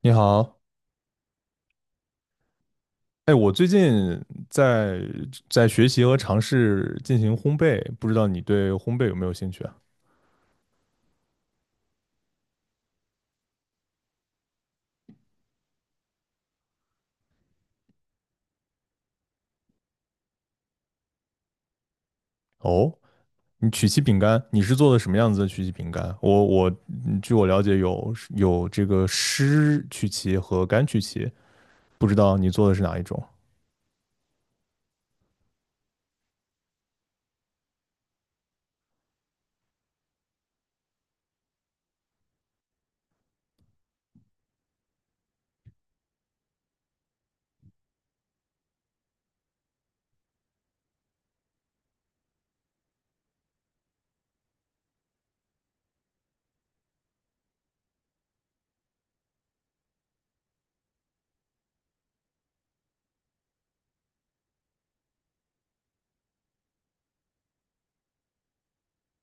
你好，哎，我最近在在学习和尝试进行烘焙，不知道你对烘焙有没有兴趣啊？哦，你曲奇饼干，你是做的什么样子的曲奇饼干？我据我了解有这个湿曲奇和干曲奇，不知道你做的是哪一种？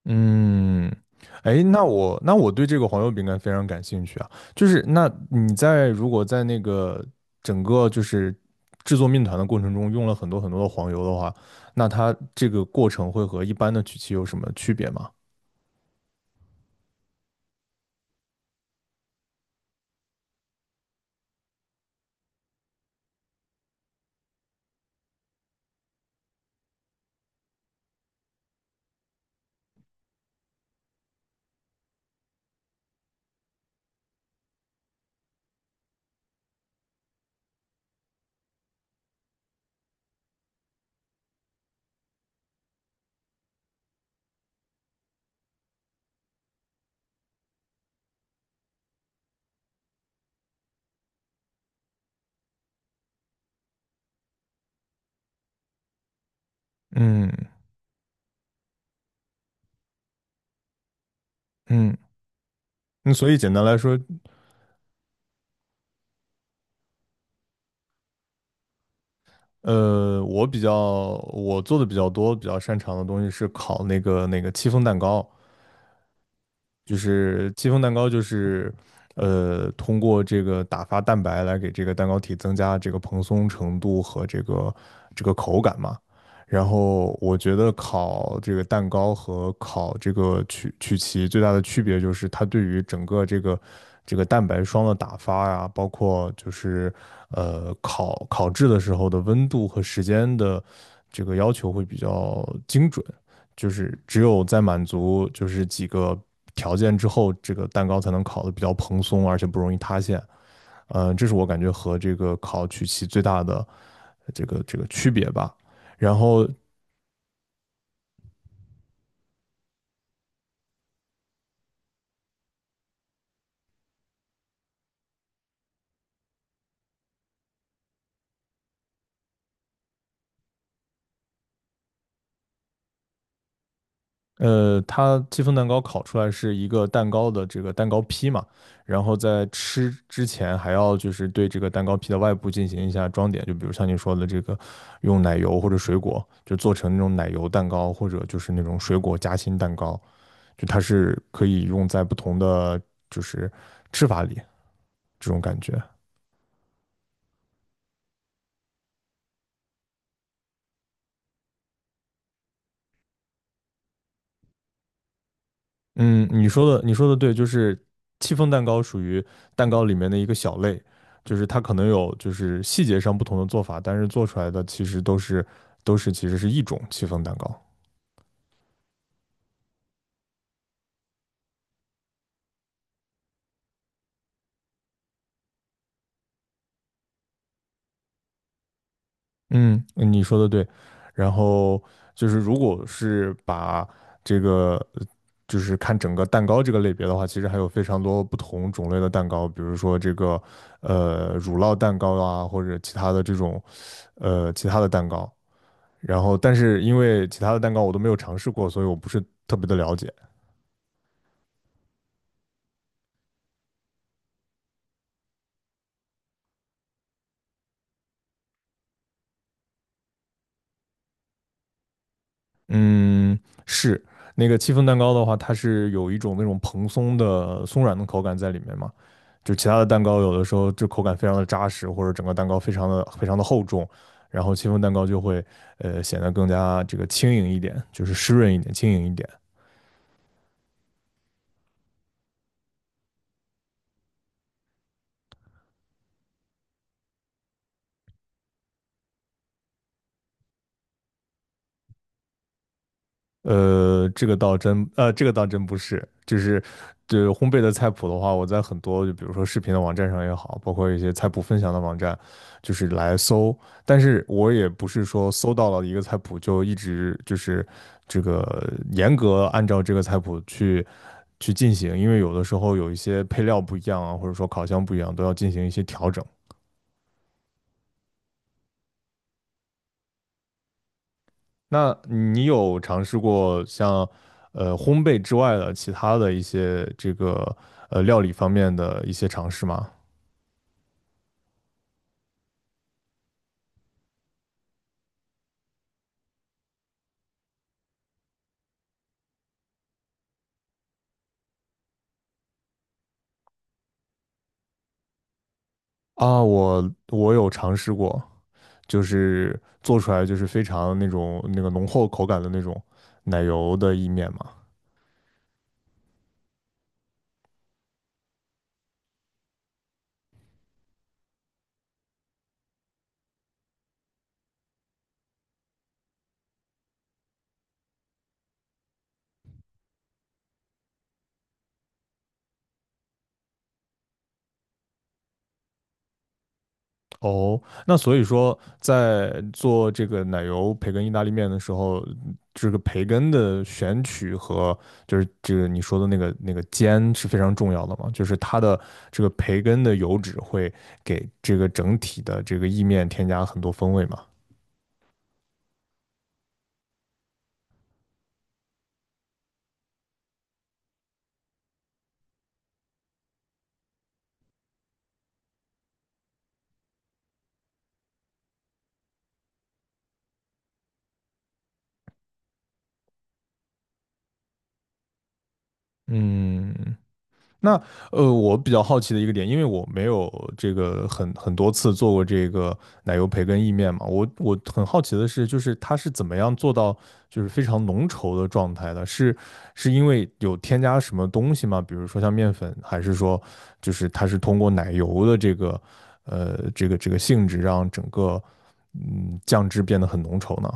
嗯，哎，那我对这个黄油饼干非常感兴趣啊。就是那你在如果在那个整个就是制作面团的过程中用了很多很多的黄油的话，那它这个过程会和一般的曲奇有什么区别吗？嗯嗯，那所以简单来说，我比较我做的比较多、比较擅长的东西是烤那个戚风蛋糕，就是戚风蛋糕就是通过这个打发蛋白来给这个蛋糕体增加这个蓬松程度和这个口感嘛。然后我觉得烤这个蛋糕和烤这个曲奇最大的区别就是它对于整个这个蛋白霜的打发呀、包括就是烤烤制的时候的温度和时间的这个要求会比较精准。就是只有在满足就是几个条件之后，这个蛋糕才能烤的比较蓬松，而且不容易塌陷。这是我感觉和这个烤曲奇最大的这个区别吧。然后，它戚风蛋糕烤出来是一个蛋糕的这个蛋糕坯嘛，然后在吃之前还要就是对这个蛋糕坯的外部进行一下装点，就比如像你说的这个用奶油或者水果，就做成那种奶油蛋糕或者就是那种水果夹心蛋糕，就它是可以用在不同的就是吃法里这种感觉。嗯，你说的对，就是戚风蛋糕属于蛋糕里面的一个小类，就是它可能有就是细节上不同的做法，但是做出来的其实都是其实是一种戚风蛋糕。嗯，你说的对。然后就是，如果是把这个，就是看整个蛋糕这个类别的话，其实还有非常多不同种类的蛋糕，比如说这个乳酪蛋糕啊，或者其他的这种其他的蛋糕。然后，但是因为其他的蛋糕我都没有尝试过，所以我不是特别的了解。嗯，是那个戚风蛋糕的话，它是有一种那种蓬松的松软的口感在里面嘛。就其他的蛋糕有的时候就口感非常的扎实，或者整个蛋糕非常的厚重，然后戚风蛋糕就会显得更加这个轻盈一点，就是湿润一点、轻盈一点。这个倒真，这个倒真不是，就是对烘焙的菜谱的话，我在很多就比如说视频的网站上也好，包括一些菜谱分享的网站，就是来搜，但是我也不是说搜到了一个菜谱就一直就是这个严格按照这个菜谱去进行，因为有的时候有一些配料不一样啊，或者说烤箱不一样，都要进行一些调整。那你有尝试过像烘焙之外的其他的一些这个料理方面的一些尝试吗？啊，我有尝试过，就是做出来就是非常那种那个浓厚口感的那种奶油的意面嘛。哦，那所以说，在做这个奶油培根意大利面的时候，这个培根的选取和就是这个你说的那个那个煎是非常重要的嘛，就是它的这个培根的油脂会给这个整体的这个意面添加很多风味嘛。嗯，那我比较好奇的一个点，因为我没有这个很很多次做过这个奶油培根意面嘛，我很好奇的是，就是它是怎么样做到就是非常浓稠的状态的？是是因为有添加什么东西吗？比如说像面粉，还是说就是它是通过奶油的这个这个性质让整个嗯酱汁变得很浓稠呢？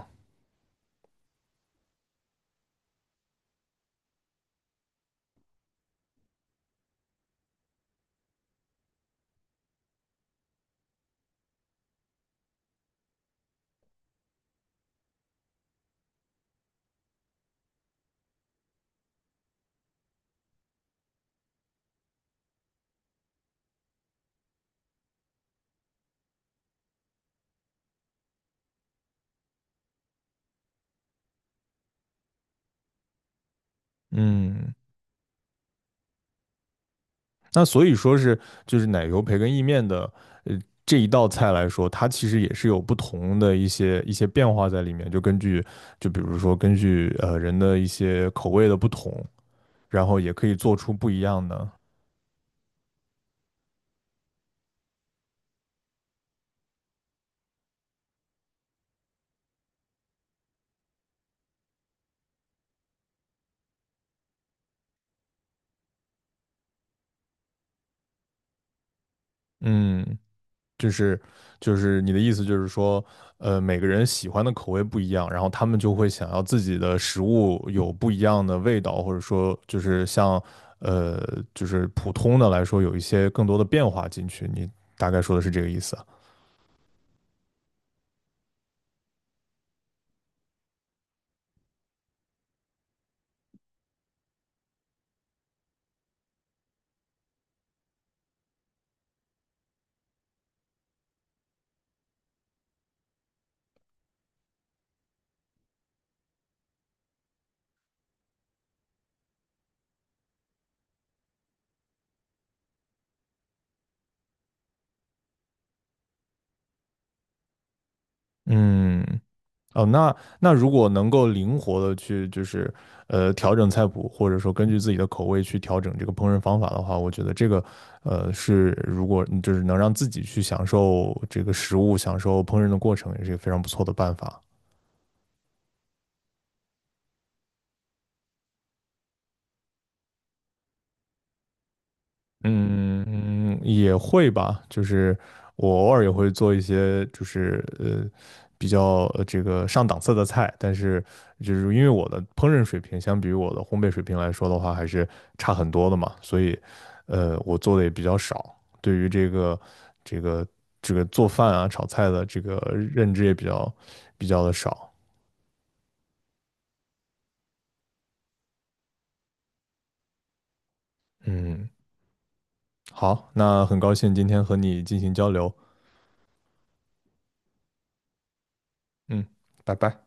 嗯，那所以说是就是奶油培根意面的呃这一道菜来说，它其实也是有不同的一些变化在里面，就根据就比如说根据人的一些口味的不同，然后也可以做出不一样的。嗯，就是就是你的意思就是说，每个人喜欢的口味不一样，然后他们就会想要自己的食物有不一样的味道，或者说就是像呃，就是普通的来说有一些更多的变化进去。你大概说的是这个意思啊。嗯，哦，那如果能够灵活的去就是调整菜谱，或者说根据自己的口味去调整这个烹饪方法的话，我觉得这个是如果嗯就是能让自己去享受这个食物、享受烹饪的过程，也是一个非常不错的办法。嗯，也会吧，就是我偶尔也会做一些，就是比较这个上档次的菜，但是就是因为我的烹饪水平相比于我的烘焙水平来说的话，还是差很多的嘛，所以我做的也比较少，对于这个这个这个做饭啊炒菜的这个认知也比较比较的少。嗯，好，那很高兴今天和你进行交流，嗯，拜拜。